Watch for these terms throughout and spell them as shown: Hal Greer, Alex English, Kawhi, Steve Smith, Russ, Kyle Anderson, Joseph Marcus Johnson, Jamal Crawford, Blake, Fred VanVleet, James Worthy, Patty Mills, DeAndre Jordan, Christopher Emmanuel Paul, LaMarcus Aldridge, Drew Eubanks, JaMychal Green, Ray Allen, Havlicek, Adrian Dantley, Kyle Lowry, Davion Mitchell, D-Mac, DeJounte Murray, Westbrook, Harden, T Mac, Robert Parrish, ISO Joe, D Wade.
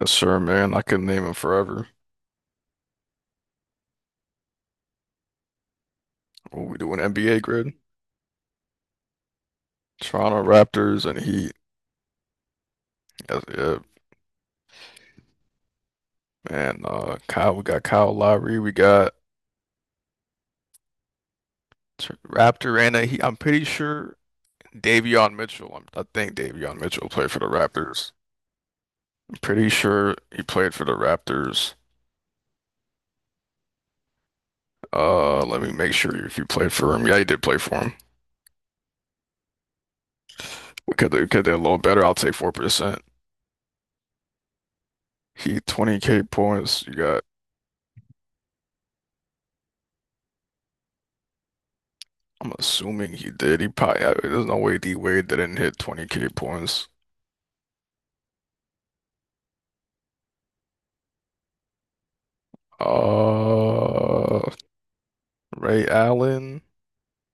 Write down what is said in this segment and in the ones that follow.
Yes, sir, man. I could name him forever. What we do an NBA grid. Toronto Raptors and Heat. Yes, yeah, man. Kyle, we got Kyle Lowry. We got Raptor and a Heat. I'm pretty sure Davion Mitchell. I think Davion Mitchell played for the Raptors. I'm pretty sure he played for the Raptors. Let me make sure if you played for him. Yeah, he did play for him. We could do a little better. I'll take 4%. Heat 20K points. You got. I'm assuming he did. There's no way D Wade didn't hit 20K points. Uh, Ray Allen,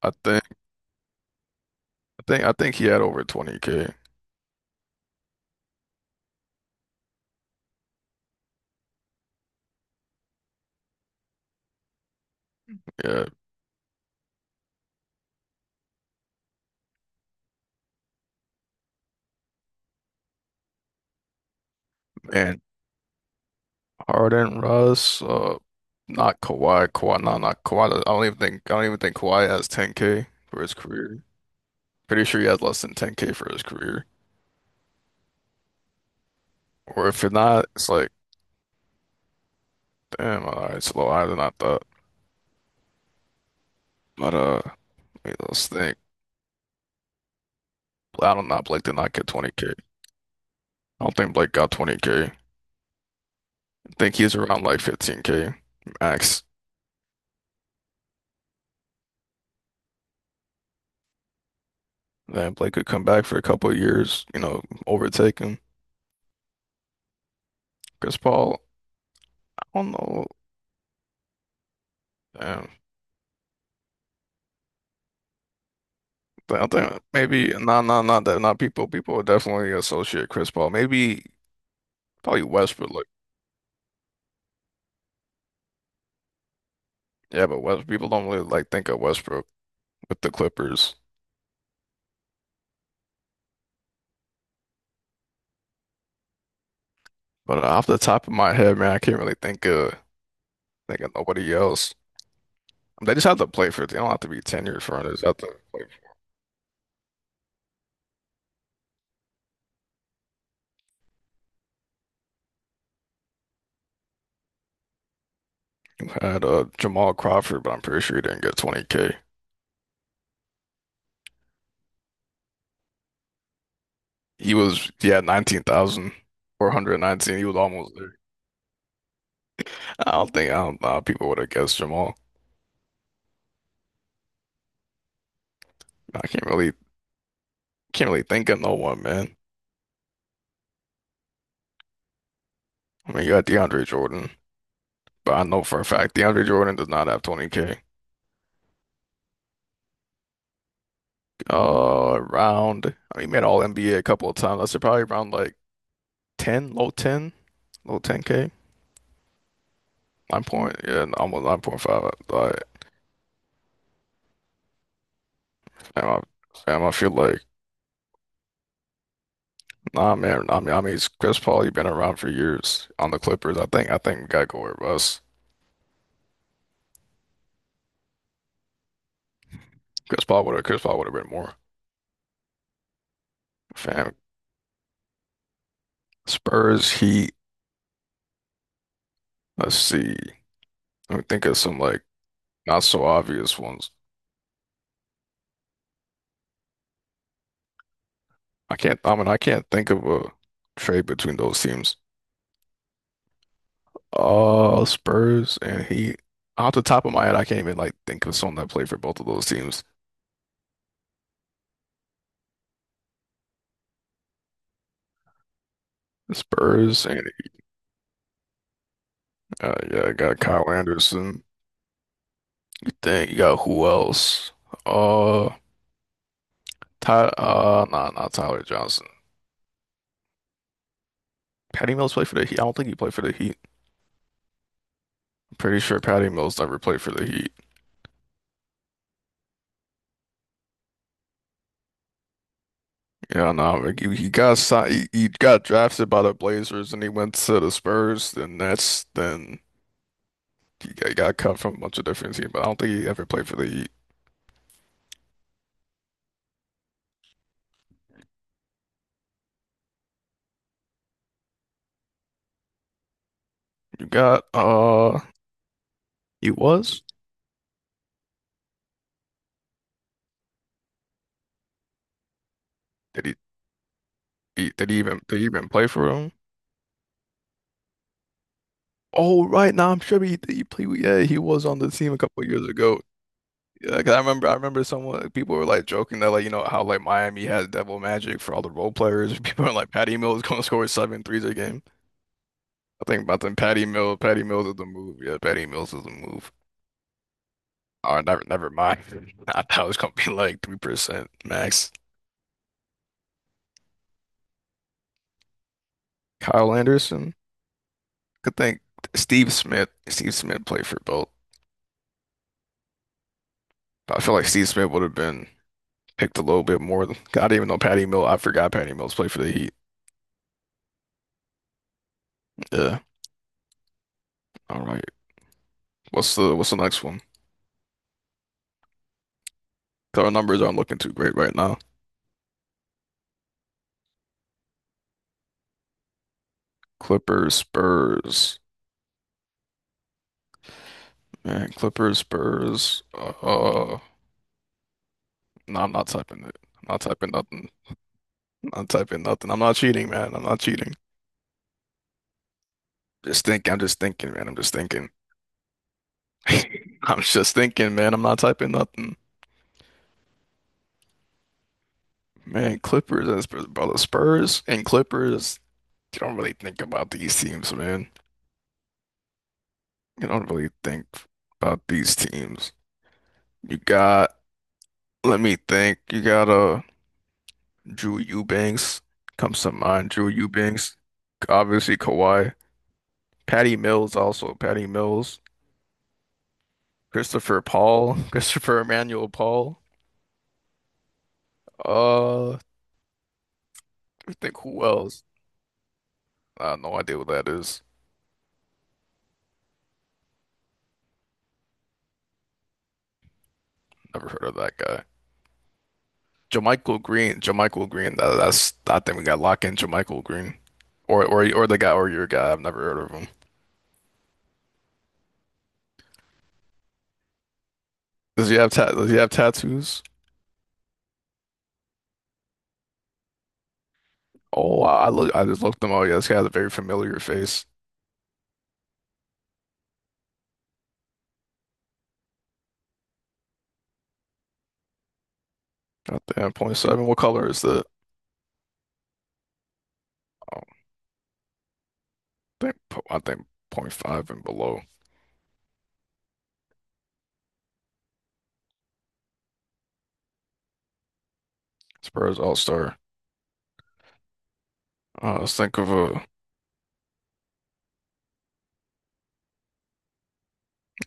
I think, I think he had over 20K. Yeah, and Harden, Russ, not Kawhi, Kawhi, no, not Kawhi. I don't even think Kawhi has 10K for his career. Pretty sure he has less than 10K for his career. Or if it's not, it's like, damn, all right, it's a little higher than I thought. But wait, let's think. I don't know. Blake did not get 20K. I don't think Blake got 20K. I think he's around like 15K max. Then Blake could come back for a couple of years, overtake him. Chris Paul, I don't know. Damn. I think maybe not, not, not that, not people. People would definitely associate Chris Paul. Maybe probably Westbrook. Like, yeah, but West people don't really like think of Westbrook with the Clippers. But off the top of my head, man, I can't really think of nobody else. They just have to play for it. They don't have to be tenured for it. They just have to play. Had, Jamal Crawford, but I'm pretty sure he didn't get 20K. He had 19,419. He was almost there. I don't think, I don't know how people would have guessed Jamal. I can't really think of no one, man. I mean, you got DeAndre Jordan, but I know for a fact DeAndre Jordan does not have 20K. Around, I mean, he made all NBA a couple of times. That's probably around like 10, low 10, low 10K. 9 point, yeah, almost 9.5. Like, damn, I feel like nah, man. I mean, it's Chris Paul. He have been around for years on the Clippers. I think. I think we gotta go with Russ. Chris Paul would have been more. Fam. Spurs, Heat. Let's see. Let me think of some like not so obvious ones. I mean, I can't think of a trade between those teams. Spurs and Heat. Off the top of my head, I can't even like think of someone that played for both of those teams. Spurs and Yeah, I got Kyle Anderson. You think you got who else? Uh, nah, not Tyler Johnson. Patty Mills played for the Heat. I don't think he played for the Heat. I'm pretty sure Patty Mills never played for the Heat. Yeah, no, like he got signed, he got drafted by the Blazers, and he went to the Spurs, then that's then he got cut from a bunch of different teams. But I don't think he ever played for the Heat. You got He was? Did he did he even play for him? Oh, right now I'm sure he played. Yeah, he was on the team a couple years ago. Yeah, 'cause I remember someone, people were like joking that like you know how like Miami has devil magic for all the role players. People are like Patty Mills gonna score seven threes a game. I think about them. Patty Mills, Patty Mills is the move. Yeah, Patty Mills is the move. Oh, never mind. I thought it was gonna be like 3% max. Kyle Anderson. Could think Steve Smith. Steve Smith played for both. I feel like Steve Smith would have been picked a little bit more I didn't even know Patty Mills. I forgot Patty Mills played for the Heat. Yeah. All right. What's the next one? So our numbers aren't looking too great right now. Clippers, Spurs, man. Clippers, Spurs. No, I'm not typing it. I'm not typing nothing. I'm not typing nothing. I'm not cheating, man. I'm not cheating. Just think. I'm just thinking, man. I'm just thinking. I'm just thinking, man. I'm not typing nothing. Man, Clippers and Spurs, brother. Spurs and Clippers. You don't really think about these teams, man. You don't really think about these teams. You got. Let me think. You got a. Drew Eubanks comes to mind. Drew Eubanks, obviously Kawhi. Patty Mills also. Patty Mills. Christopher Paul. Christopher Emmanuel Paul. Uh, I think who else? I have no idea what that is. Never heard of that guy. JaMychal Green. JaMychal Green. That, that's. I think we got lock in JaMychal Green, or the guy or your guy. I've never heard of him. Does he have tattoos? Oh, I just looked them up. Yeah, this guy has a very familiar face. Goddamn, point seven. What color is that? Think I think point 0.5 and below. Spurs All Star. Let's think of a.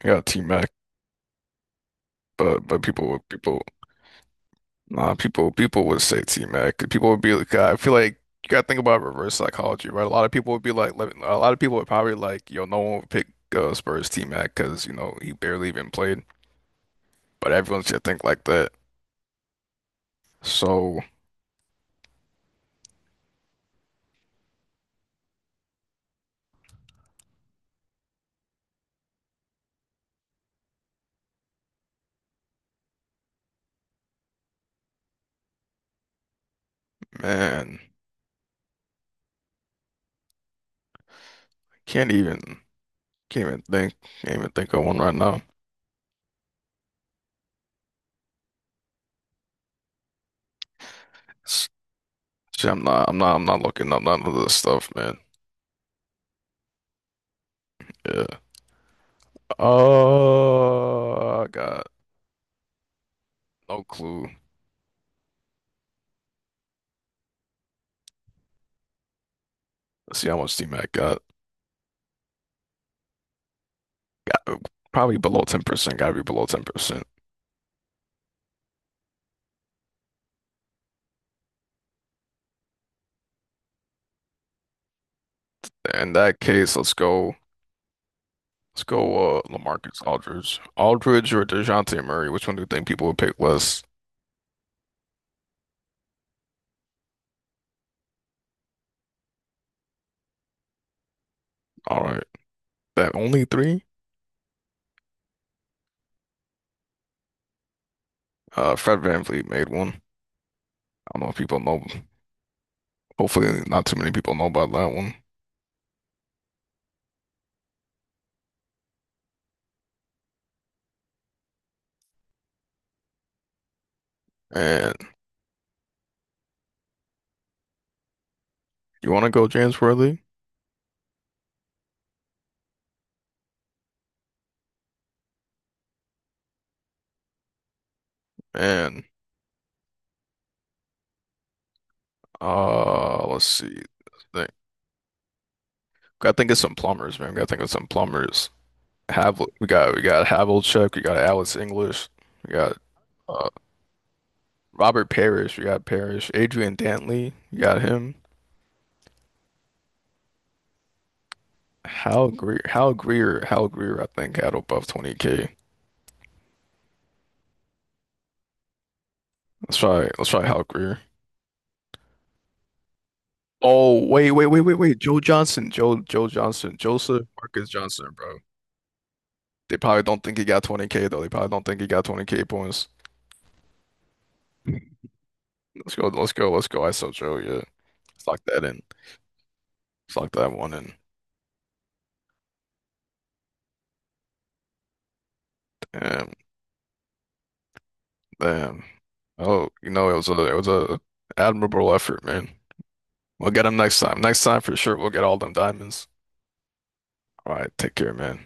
Yeah, T Mac, but people would, people, nah, people would say T Mac. People would be like I feel like you gotta think about reverse psychology, right? A lot of people would be like a lot of people would probably like yo no one would pick Spurs T Mac because you know he barely even played, but everyone should think like that. So man, can't even can't even think can't even think of one right now. Shit, I'm not looking up none of this stuff, man. Yeah. Oh, I got no clue. Let's see how much D-Mac got. Got uh, Probably below 10%. Gotta be below 10%. In that case, let's go. Let's go. LaMarcus Aldridge or DeJounte Murray. Which one do you think people would pick less? All right, that only three. Fred VanVleet made one. I don't know if people know. Hopefully, not too many people know about that one. And you want to go James Worthy? And let's see. I think I think it's some plumbers, man. I think it's some plumbers. Have we got Havlicek, we got Alex English, we got uh, Robert Parrish, we got Parrish, Adrian Dantley, we got him. Hal Greer, Hal Greer, Hal Greer, I think had above 20K. Let's try Hal Greer. Oh, wait, wait, wait, wait, wait. Joe Johnson, Joe, Joe Johnson, Joseph Marcus Johnson, bro. They probably don't think he got 20K though. They probably don't think he got 20K points. Let's go, let's go, let's go. ISO Joe, yeah. Let's lock that in. Let's lock that one in. Damn. Damn. Oh, it was a admirable effort, man. We'll get them next time. Next time for sure, we'll get all them diamonds. All right, take care, man.